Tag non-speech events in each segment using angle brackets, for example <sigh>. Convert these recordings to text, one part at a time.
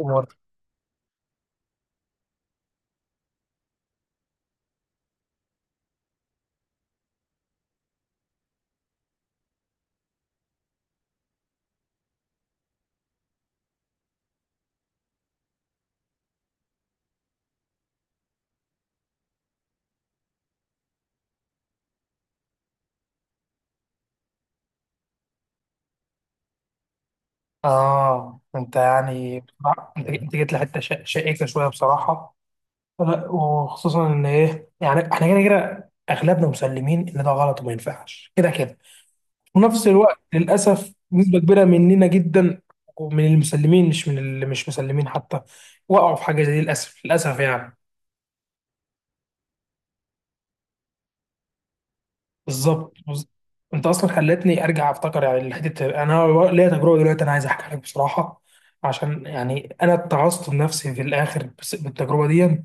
أمور. آه، أنت يعني أنت جيت لحتة شائكة شوية بصراحة. لا، وخصوصا إن إيه يعني إحنا كده كده أغلبنا مسلمين إن ده غلط وما ينفعش كده كده. في نفس الوقت للأسف نسبة كبيرة مننا جدا، ومن المسلمين مش من اللي مش مسلمين حتى، وقعوا في حاجة زي دي، للأسف للأسف يعني. بالظبط. انت اصلا خلتني ارجع افتكر يعني الحته. انا ليا تجربه دلوقتي، انا عايز احكي لك بصراحه، عشان يعني انا اتعظت بنفسي في الاخر بالتجربه دي.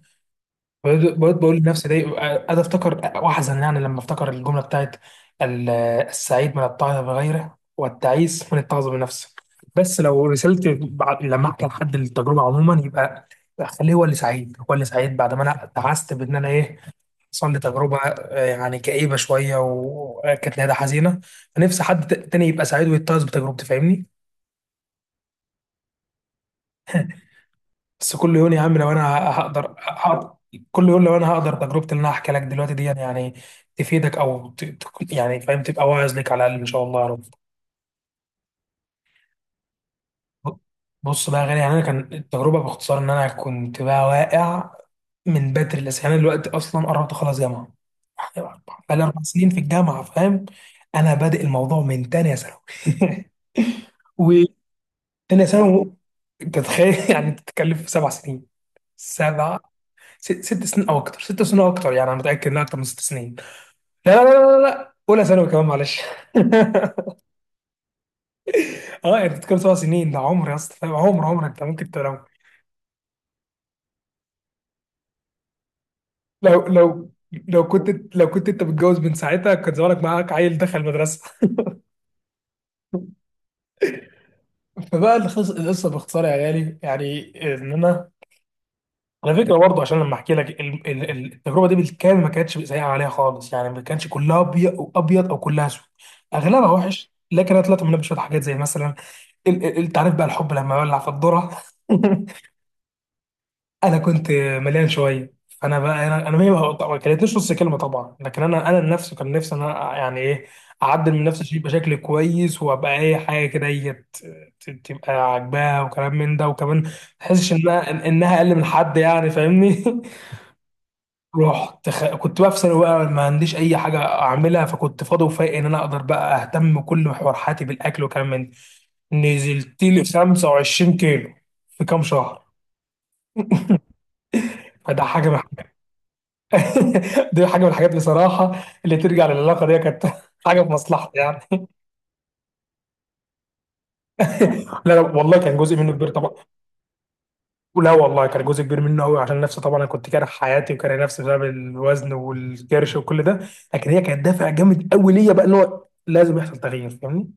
بقيت بقول لنفسي دي قاعد افتكر واحزن، يعني لما افتكر الجمله بتاعت ال- السعيد من التعظ بغيره والتعيس من التعظ بنفسه. بس لو رسلت لما احكي لحد التجربه عموما، يبقى خليه هو اللي سعيد، هو اللي سعيد بعد ما انا اتعست، بان انا ايه، حصل لي تجربة، آه، يعني كئيبة شوية وكانت نهايتها حزينة. فنفسي حد تاني يبقى سعيد ويتعظ بتجربتي، فاهمني. بس كل يوم يا عم، لو أنا هقدر كل يوم، لو أنا هقدر تجربتي اللي أنا هحكي لك دلوقتي دي يعني تفيدك يعني فاهم، تبقى واعظ ليك على الأقل إن شاء الله يا رب. بص بقى يا غالي، يعني أنا كان التجربة باختصار إن أنا كنت بقى واقع من بدري لسه. يعني أنا دلوقتي أصلا قربت أخلص جامعة، بقالي 4 سنين في الجامعة، فاهم. أنا بادئ الموضوع من تانية ثانوي. <laughs> تانية ثانوي. انت تخيل. <laughs> يعني بتتكلم في 7 سنين. سبع 6 سنين او اكتر، 6 سنين او اكتر، يعني انا متاكد انها اكتر من 6 سنين. لا لا لا لا لا، اولى ثانوي كمان، معلش. <laughs> اه انت بتتكلم 7 سنين، ده عمر يا اسطى، فاهم، عمر عمر. انت ممكن لو لو كنت انت متجوز من ساعتها كان زمانك معاك عيل دخل المدرسه. <laughs> فبقى القصه باختصار يا غالي، يعني ان انا على فكره برضه، عشان لما احكي لك التجربه دي بالكامل، ما كانتش سيئه عليها خالص يعني، ما كانش كلها ابيض او كلها اسود. اغلبها وحش، لكن انا طلعت منها بشويه حاجات، زي مثلا انت عارف بقى الحب لما يولع في الذره. <laughs> انا كنت مليان شويه، فانا بقى، انا ما طبعاً ما كلتنيش نص كلمه طبعا، لكن انا نفسي، كان نفسي انا يعني ايه، اعدل من نفسي شيء بشكل كويس، وابقى اي حاجه كده هي تبقى عاجباها، وكلام من ده، وكمان ما تحسش انها انها اقل من حد، يعني فاهمني. <laughs> رحت كنت بقى في ثانوي بقى، ما عنديش اي حاجه اعملها، فكنت فاضي وفايق ان انا اقدر بقى اهتم بكل محور حياتي بالاكل وكلام من ده. نزلت لي 25 كيلو في كام شهر، فده حاجه من <laughs> دي حاجه من الحاجات بصراحه اللي ترجع للعلاقه دي، كانت حاجه في مصلحتي يعني. لا لا والله، كان جزء منه كبير طبعا. لا والله، كان جزء كبير منه قوي عشان نفسي طبعا، انا كنت كاره حياتي وكاره نفسي بسبب الوزن والكرش وكل ده، لكن هي كانت دافع جامد قوي ليا بقى ان هو لازم يحصل تغيير، فاهمني.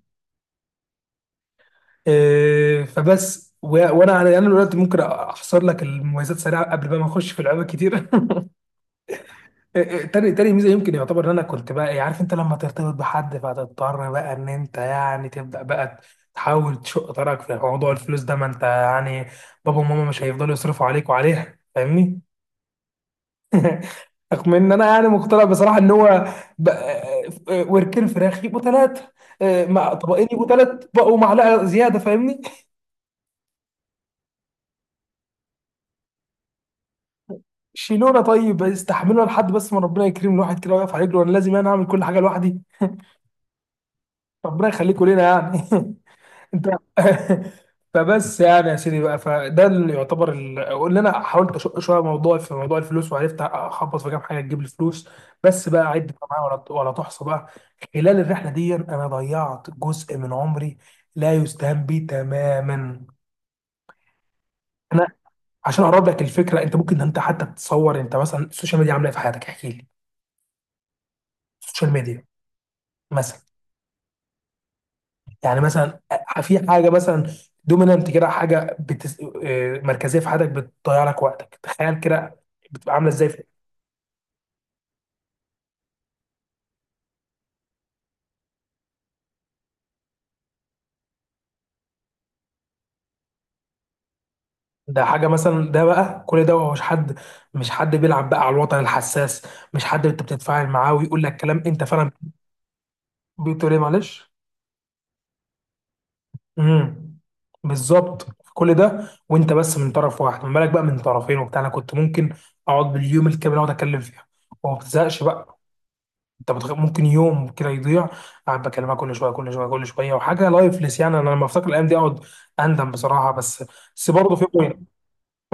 إيه، فبس وانا انا أنا دلوقتي ممكن احصر لك المميزات سريعه قبل بقى ما اخش في لعبه كتير. <laughs> إيه، إيه، تاني ميزه، يمكن يعتبر ان انا كنت بقى إيه، عارف انت لما ترتبط بحد، فتضطر بقى ان انت يعني تبدا بقى تحاول تشق طريقك في موضوع الفلوس ده، ما انت يعني بابا وماما مش هيفضلوا يصرفوا عليك وعليها، فاهمني. رغم ان انا يعني مقتنع بصراحه ان هو بقى- وركين فراخ يبقوا ثلاثه، مع طبقين يبقوا ثلاث بقوا معلقه زياده، فاهمني. شيلونا طيب، استحملونا لحد بس ما ربنا يكرم الواحد كده ويقف على رجله، وانا لازم انا اعمل كل حاجه لوحدي، ربنا يخليكوا لينا يعني. <laughs> انت. <laughs> فبس يعني يا سيدي بقى، فده اللي يعتبر قلنا انا حاولت اشق شويه موضوعي في موضوع الفلوس، وعرفت اخبط في كام حاجه تجيب لي فلوس. بس بقى عد بقى معايا، ولا تحصى بقى. خلال الرحله دي انا ضيعت جزء من عمري لا يستهان به تماما. انا عشان اقرب لك الفكره، انت ممكن حتى تتصور، انت مثلا السوشيال ميديا عامله ايه في حياتك، احكي لي. السوشيال ميديا مثلا، يعني مثلا في حاجه مثلا دومينانت كده، حاجه آه، مركزيه في حياتك بتضيع لك وقتك، تخيل كده بتبقى عامله ازاي في. ده حاجه مثلا، ده بقى كل ده هو مش حد بيلعب بقى على الوطن الحساس، مش حد انت بتتفاعل معاه ويقول لك كلام انت فعلا بتقول ايه، معلش. امم بالظبط. كل ده وانت بس من طرف واحد، ما بالك بقى من طرفين وبتاع، انا كنت ممكن اقعد باليوم الكامل اقعد اتكلم فيها وما بتزهقش بقى. انت ممكن يوم كده يضيع قاعد بكلمها كل شويه كل شويه كل شويه، وحاجه لايفلس يعني، انا لما افتكر الايام دي اقعد اندم بصراحه، بس بس برضه في بوينت.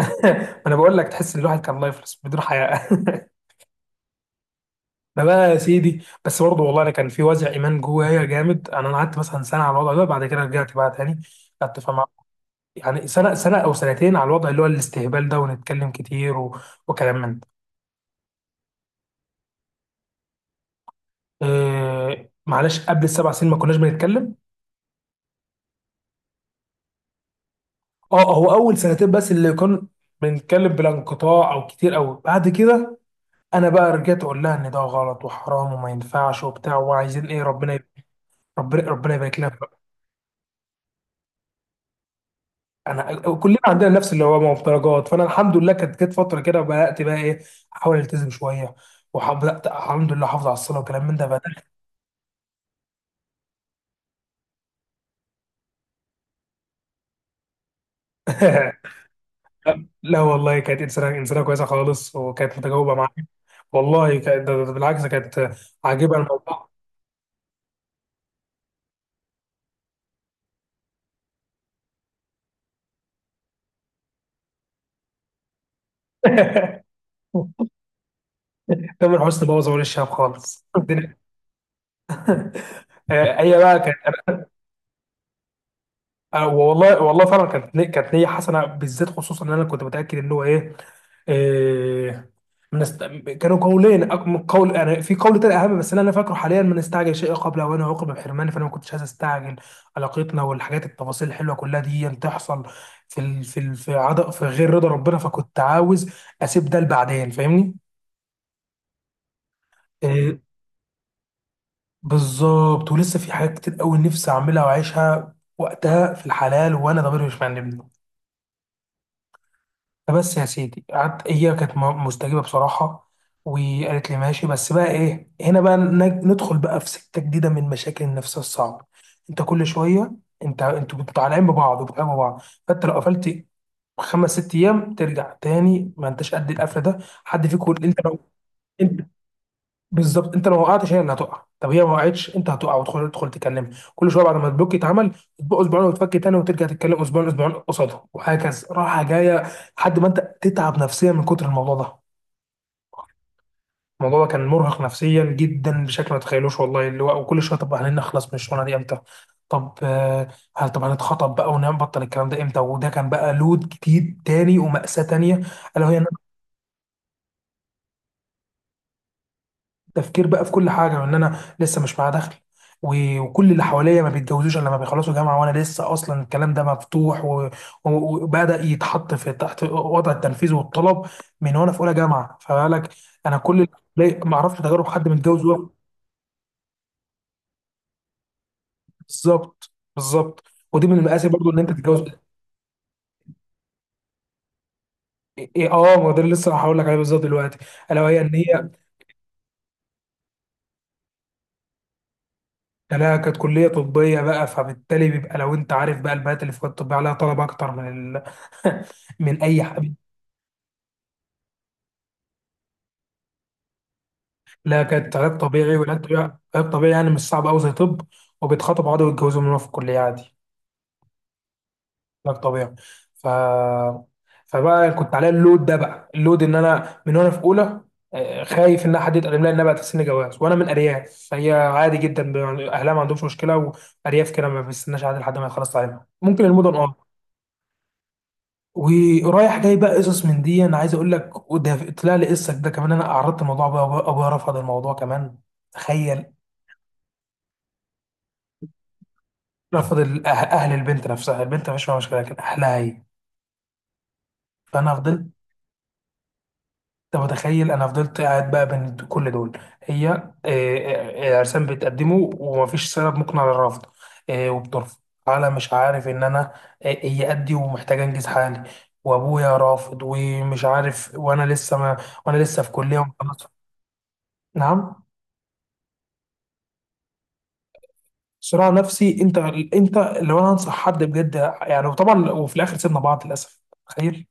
<laughs> انا بقول لك، تحس ان الواحد كان لايفلس بدون حياه. <laughs> ما بقى يا سيدي، بس برضه والله، انا كان في وزع ايمان جوايا جامد، انا قعدت مثلا سنه على الوضع ده، بعد كده رجعت بقى تاني قعدت فمع، يعني سنه او سنتين، على الوضع اللي هو الاستهبال ده، ونتكلم كتير وكلام من ده. معلش، قبل ال 7 سنين ما كناش بنتكلم. اه، هو اول سنتين بس اللي كان بنتكلم بلا انقطاع او كتير قوي. بعد كده انا بقى رجعت اقول لها ان ده غلط وحرام وما ينفعش وبتاع، وعايزين ايه، ربنا ربنا ربنا يبارك لنا بقى. انا كلنا عندنا نفس اللي هو مفترجات، فانا الحمد لله كانت جت فتره كده بدات بقى ايه احاول التزم شويه، وبدات الحمد لله احافظ على الصلاه وكلام من ده بقى. <laughs> لا والله، كانت انسانه كويسه خالص، وكانت متجاوبه معايا. والله كانت ده- ده- ده بالعكس كانت عاجبها الموضوع. <laughs> تامر حسني بوظ اول الشهاب خالص، آه، هي بقى آه، والله والله فعلا كانت كانت نيه حسنه، بالذات خصوصا ان انا كنت متاكد ان هو ايه، آه، كانوا قولين من قول، يعني في قول تاني اهم بس اللي انا فاكره حاليا، من استعجل شيء قبل اوانه، وعوقب بحرمانه، فانا ما كنتش عايز استعجل علاقتنا، والحاجات التفاصيل الحلوه كلها دي تحصل في ال... في ال... في عد... في غير رضا ربنا، فكنت عاوز اسيب ده لبعدين، فاهمني. آه، بالظبط، ولسه في حاجات كتير قوي نفسي اعملها واعيشها وقتها في الحلال وانا ضميري مش معنبني. فبس يا سيدي، قعدت هي كانت مستجيبه بصراحه، وقالت لي ماشي. بس بقى ايه، هنا بقى ندخل بقى في سكه جديده من مشاكل النفس الصعبه. انت كل شويه، انتوا بتبقوا طالعين ببعض وبتحبوا بعض، فانت لو قفلت 5 6 ايام ترجع تاني، ما انتش قد القفله ده، حد فيكم. انت لو انت بالظبط، انت لو وقعتش هي اللي هتقع، طب هي ما وقعتش انت هتقع، وتدخل تكلمها كل شويه بعد ما البلوك يتعمل، تبقى اسبوعين وتفك تاني وترجع تتكلم اسبوعين، اسبوعين قصادها وهكذا، راحه جايه، لحد ما انت تتعب نفسيا من كتر الموضوع ده. الموضوع ده كان مرهق نفسيا جدا بشكل ما تتخيلوش، والله، اللي هو وكل شويه، طب هنخلص من الشغلانه دي امتى، طب آه، هل، طب هنتخطب بقى ونبطل الكلام ده امتى، وده كان بقى لود جديد تاني ومأساة تانية. الا وهي تفكير بقى في كل حاجه، وان انا لسه مش معايا دخل، وكل اللي حواليا ما بيتجوزوش الا لما بيخلصوا جامعه، وانا لسه اصلا الكلام ده مفتوح وبدا يتحط في تحت وضع التنفيذ والطلب من وانا في اولى جامعه، فبالك. انا كل اللي ما اعرفش تجارب حد متجوز بالظبط بالظبط. ودي من المقاسي برضو ان انت تتجوز. إيه اه، ما هو ده اللي لسه هقول لك عليه بالظبط دلوقتي، الا وهي ان هي. لا، كانت كليه طبيه بقى، فبالتالي بيبقى لو انت عارف بقى البنات اللي في الكليه الطبيه عليها طلب اكتر من ال... من اي حاجه. لا، كانت علاج طبيعي، والعلاج طبيعي، علاج طبيعي يعني مش صعب قوي زي طب، وبيتخطبوا عادي ويتجوزوا من هو في الكليه عادي، علاج طبيعي. ف فبقى كنت عليا اللود ده بقى، اللود ان انا من وانا في اولى، آه، خايف ان حد يتقدم لي، انها بقى سن جواز، وانا من ارياف فهي عادي جدا يعني اهلها ما عندهمش مشكله، وارياف كده ما بيستناش عادي لحد ما يخلص تعليمها، ممكن المدن اه. ورايح جاي بقى قصص من دي انا عايز اقول لك، وده طلع لي قصه ده كمان، انا عرضت الموضوع ابويا، أبويا رفض الموضوع كمان، تخيل. رفض اهل البنت، نفسها البنت مفيش فيها مشكله، لكن اهلها هي. فانا فضلت، انت متخيل، انا فضلت قاعد بقى بين كل دول، هي آه، آه، آه، عرسان بتقدمه ومفيش سبب مقنع للرفض، آه، وبترفض على مش عارف، ان انا آه، هي قدي ومحتاج انجز حالي، وابويا رافض ومش عارف، وانا لسه ما وانا لسه في كليه ومخلص. نعم. صراع نفسي انت لو انا انصح حد بجد يعني، وطبعا وفي الاخر سيبنا بعض للاسف، تخيل.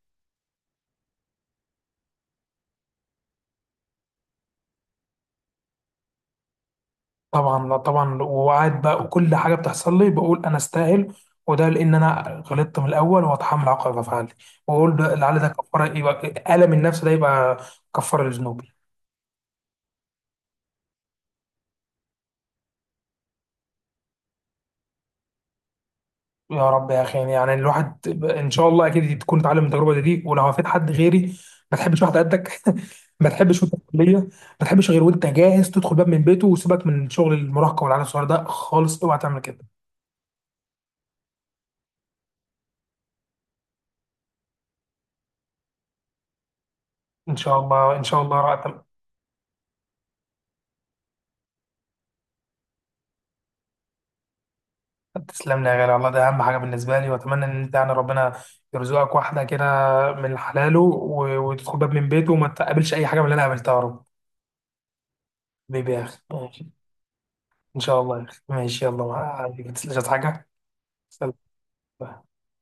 طبعا، لا طبعا، وقعد بقى وكل حاجه بتحصل لي بقول انا استاهل، وده لان انا غلطت من الاول واتحمل عقاب افعالي، واقول ده لعل ده كفاره، يبقى الم النفس ده يبقى كفاره لذنوبي. يا رب يا اخي، يعني الواحد ان شاء الله اكيد تكون اتعلم من التجربه دي ولو هفيد حد غيري. ما تحبش واحد قدك، <laughs> ما تحبش وانت في الكليه، ما تحبش غير وانت جاهز تدخل باب من بيته، وسيبك من شغل المراهقه والعيال الصغيره ده خالص، اوعى تعمل كده. ان شاء الله ان شاء الله. تسلم لي يا غالي، والله ده اهم حاجه بالنسبه لي، واتمنى ان انت يعني ربنا يرزقك واحده كده من حلاله، وتدخل باب من بيته، وما تقابلش اي حاجه من اللي انا قابلتها يا رب. حبيبي يا اخي، ماشي. ان شاء الله يا اخي، ماشي، يلا ما عليك، ما تسلمش عايز حاجه. سلام.